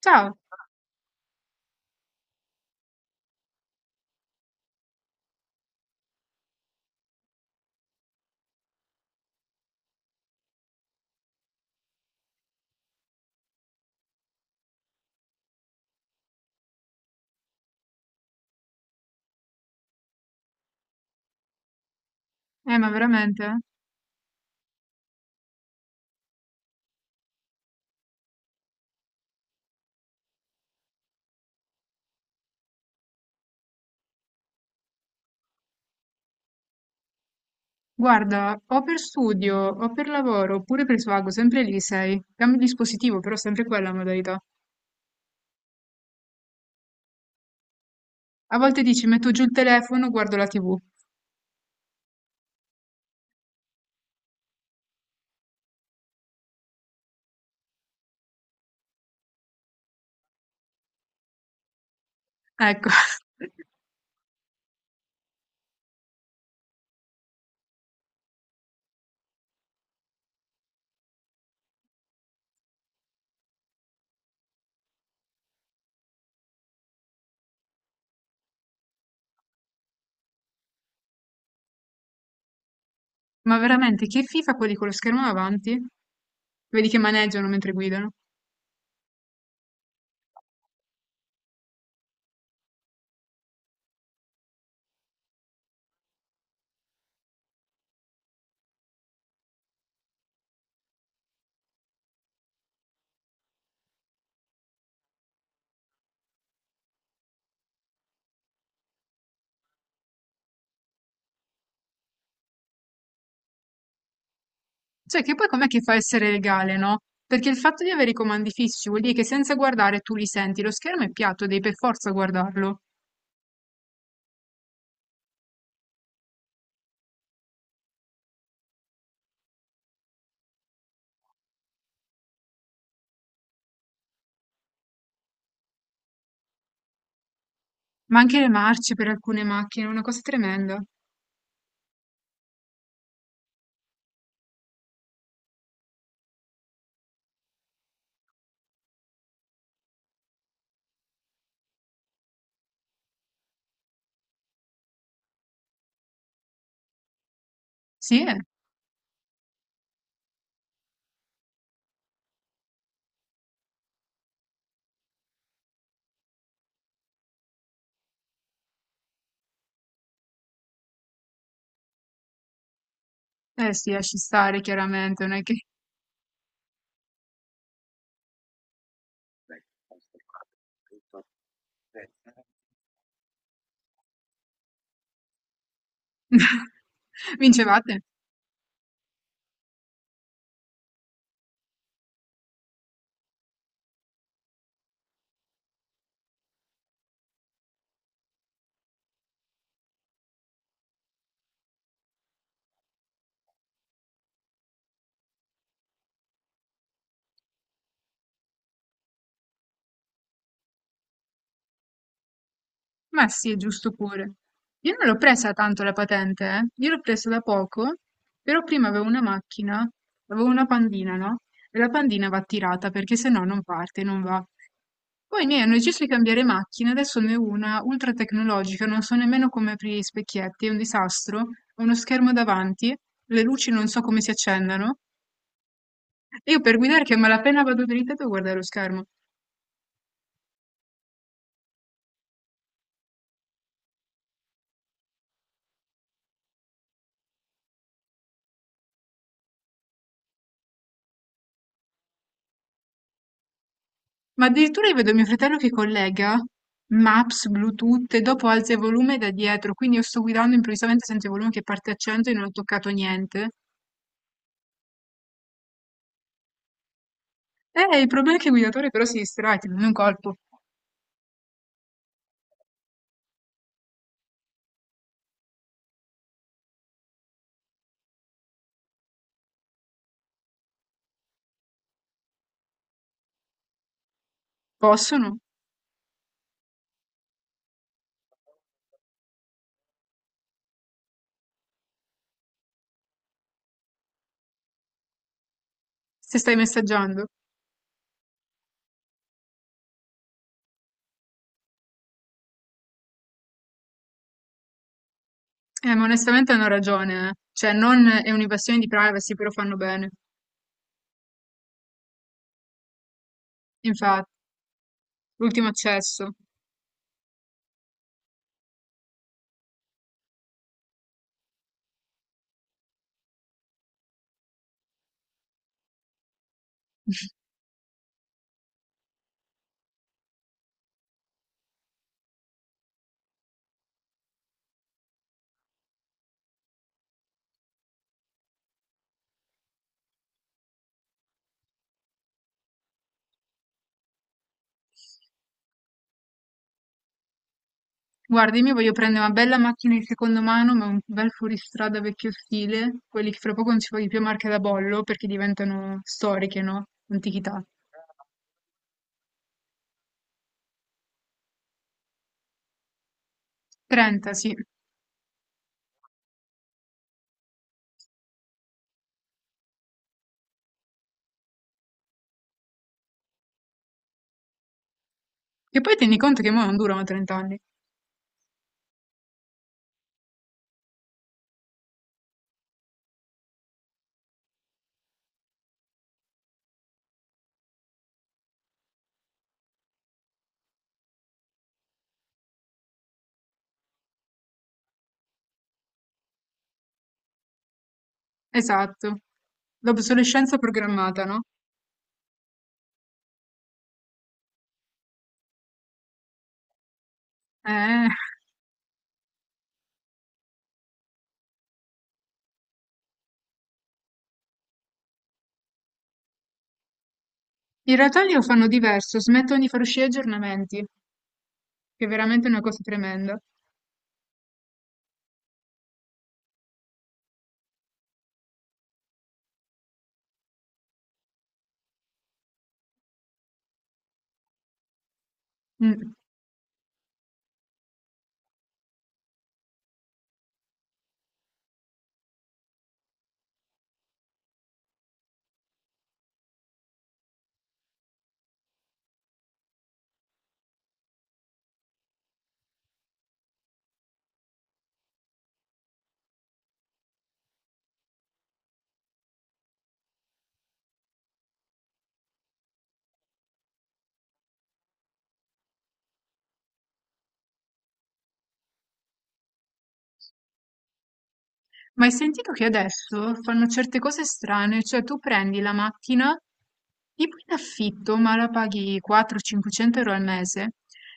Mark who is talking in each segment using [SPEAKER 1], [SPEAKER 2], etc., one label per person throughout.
[SPEAKER 1] Ciao, ma veramente? Guarda, o per studio, o per lavoro, oppure per svago, sempre lì sei. Cambio dispositivo, però sempre quella modalità. A volte dici, metto giù il telefono, guardo la TV. Ecco, ma veramente, che FIFA quelli con lo schermo davanti? Vedi che maneggiano mentre guidano. Cioè, che poi com'è che fa a essere legale, no? Perché il fatto di avere i comandi fissi vuol dire che senza guardare tu li senti, lo schermo è piatto, devi per forza guardarlo. Ma anche le marce per alcune macchine, una cosa tremenda. Sì, eh. Eh sì, lasci stare chiaramente, non è che vincevate? Ma sì, è giusto pure. Io non l'ho presa tanto la patente, eh. Io l'ho presa da poco, però prima avevo una macchina, avevo una pandina, no? E la pandina va tirata perché se no non parte, non va. Poi i miei hanno deciso di cambiare macchina, adesso ne ho una ultra tecnologica, non so nemmeno come aprire gli specchietti, è un disastro, ho uno schermo davanti, le luci non so come si accendano, e io per guidare che a malapena vado dritta devo guardare lo schermo. Ma addirittura io vedo mio fratello che collega Maps, Bluetooth e dopo alza il volume da dietro, quindi io sto guidando improvvisamente sento il volume che parte a 100 e non ho toccato niente. Il problema è che il guidatore però si distrae, ti prende un colpo. Possono? Se stai messaggiando. Ma onestamente hanno ragione, eh. Cioè, non è un'invasione di privacy, però fanno bene. Infatti, l'ultimo accesso. Guarda, io mi voglio prendere una bella macchina di seconda mano, ma un bel fuoristrada vecchio stile, quelli che fra poco non si vogliono più marche da bollo perché diventano storiche, no? Antichità. 30, sì. Che poi tieni conto che mo non durano 30 anni. Esatto. L'obsolescenza programmata, no? Eh. In realtà lì lo fanno diverso, smettono di far uscire aggiornamenti, che è veramente una cosa tremenda. Mm. Ma hai sentito che adesso fanno certe cose strane? Cioè tu prendi la macchina tipo in affitto, ma la paghi 400-500 euro al mese.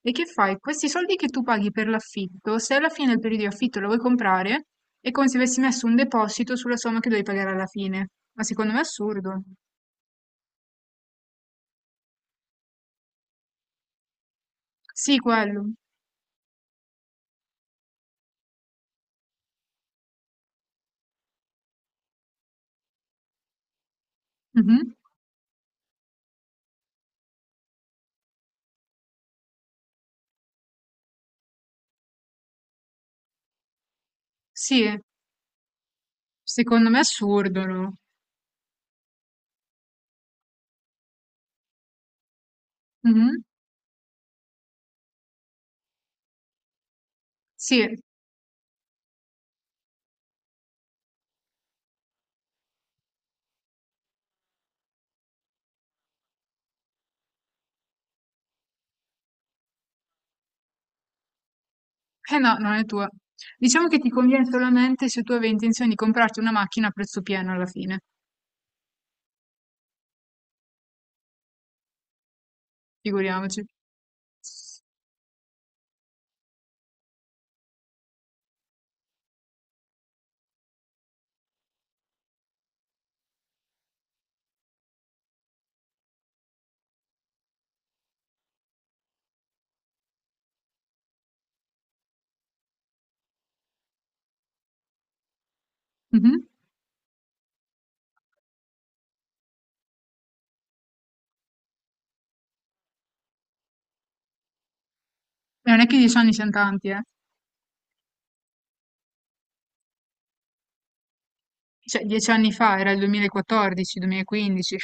[SPEAKER 1] E che fai? Questi soldi che tu paghi per l'affitto, se alla fine del periodo di affitto la vuoi comprare, è come se avessi messo un deposito sulla somma che devi pagare alla fine. Ma secondo me è assurdo. Sì, quello. Mhm. Sì, secondo me è assurdo, no? Mhm. Sì. Eh no, non è tua. Diciamo che ti conviene solamente se tu avevi intenzione di comprarti una macchina a prezzo pieno alla fine, figuriamoci. Mhm. E non è che 10 anni siano tanti, eh. Cioè, 10 anni fa era il 2014, 2015.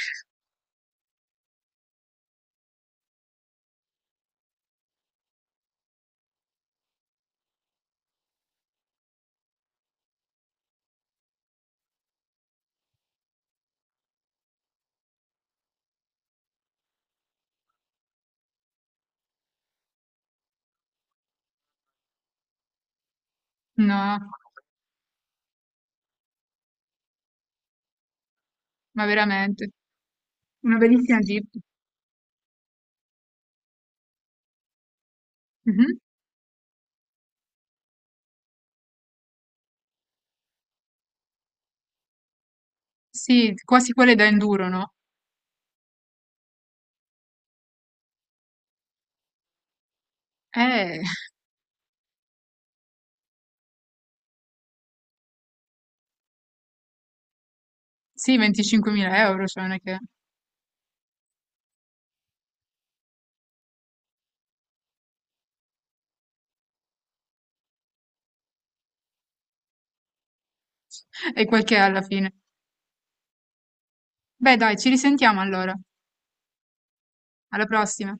[SPEAKER 1] No, ma veramente. Una bellissima Jeep. Mhm. Sì, quasi quelle da enduro, no? Eh, sì, 25.000 euro, cioè non è che... E quel che è alla fine. Beh, dai, ci risentiamo allora. Alla prossima.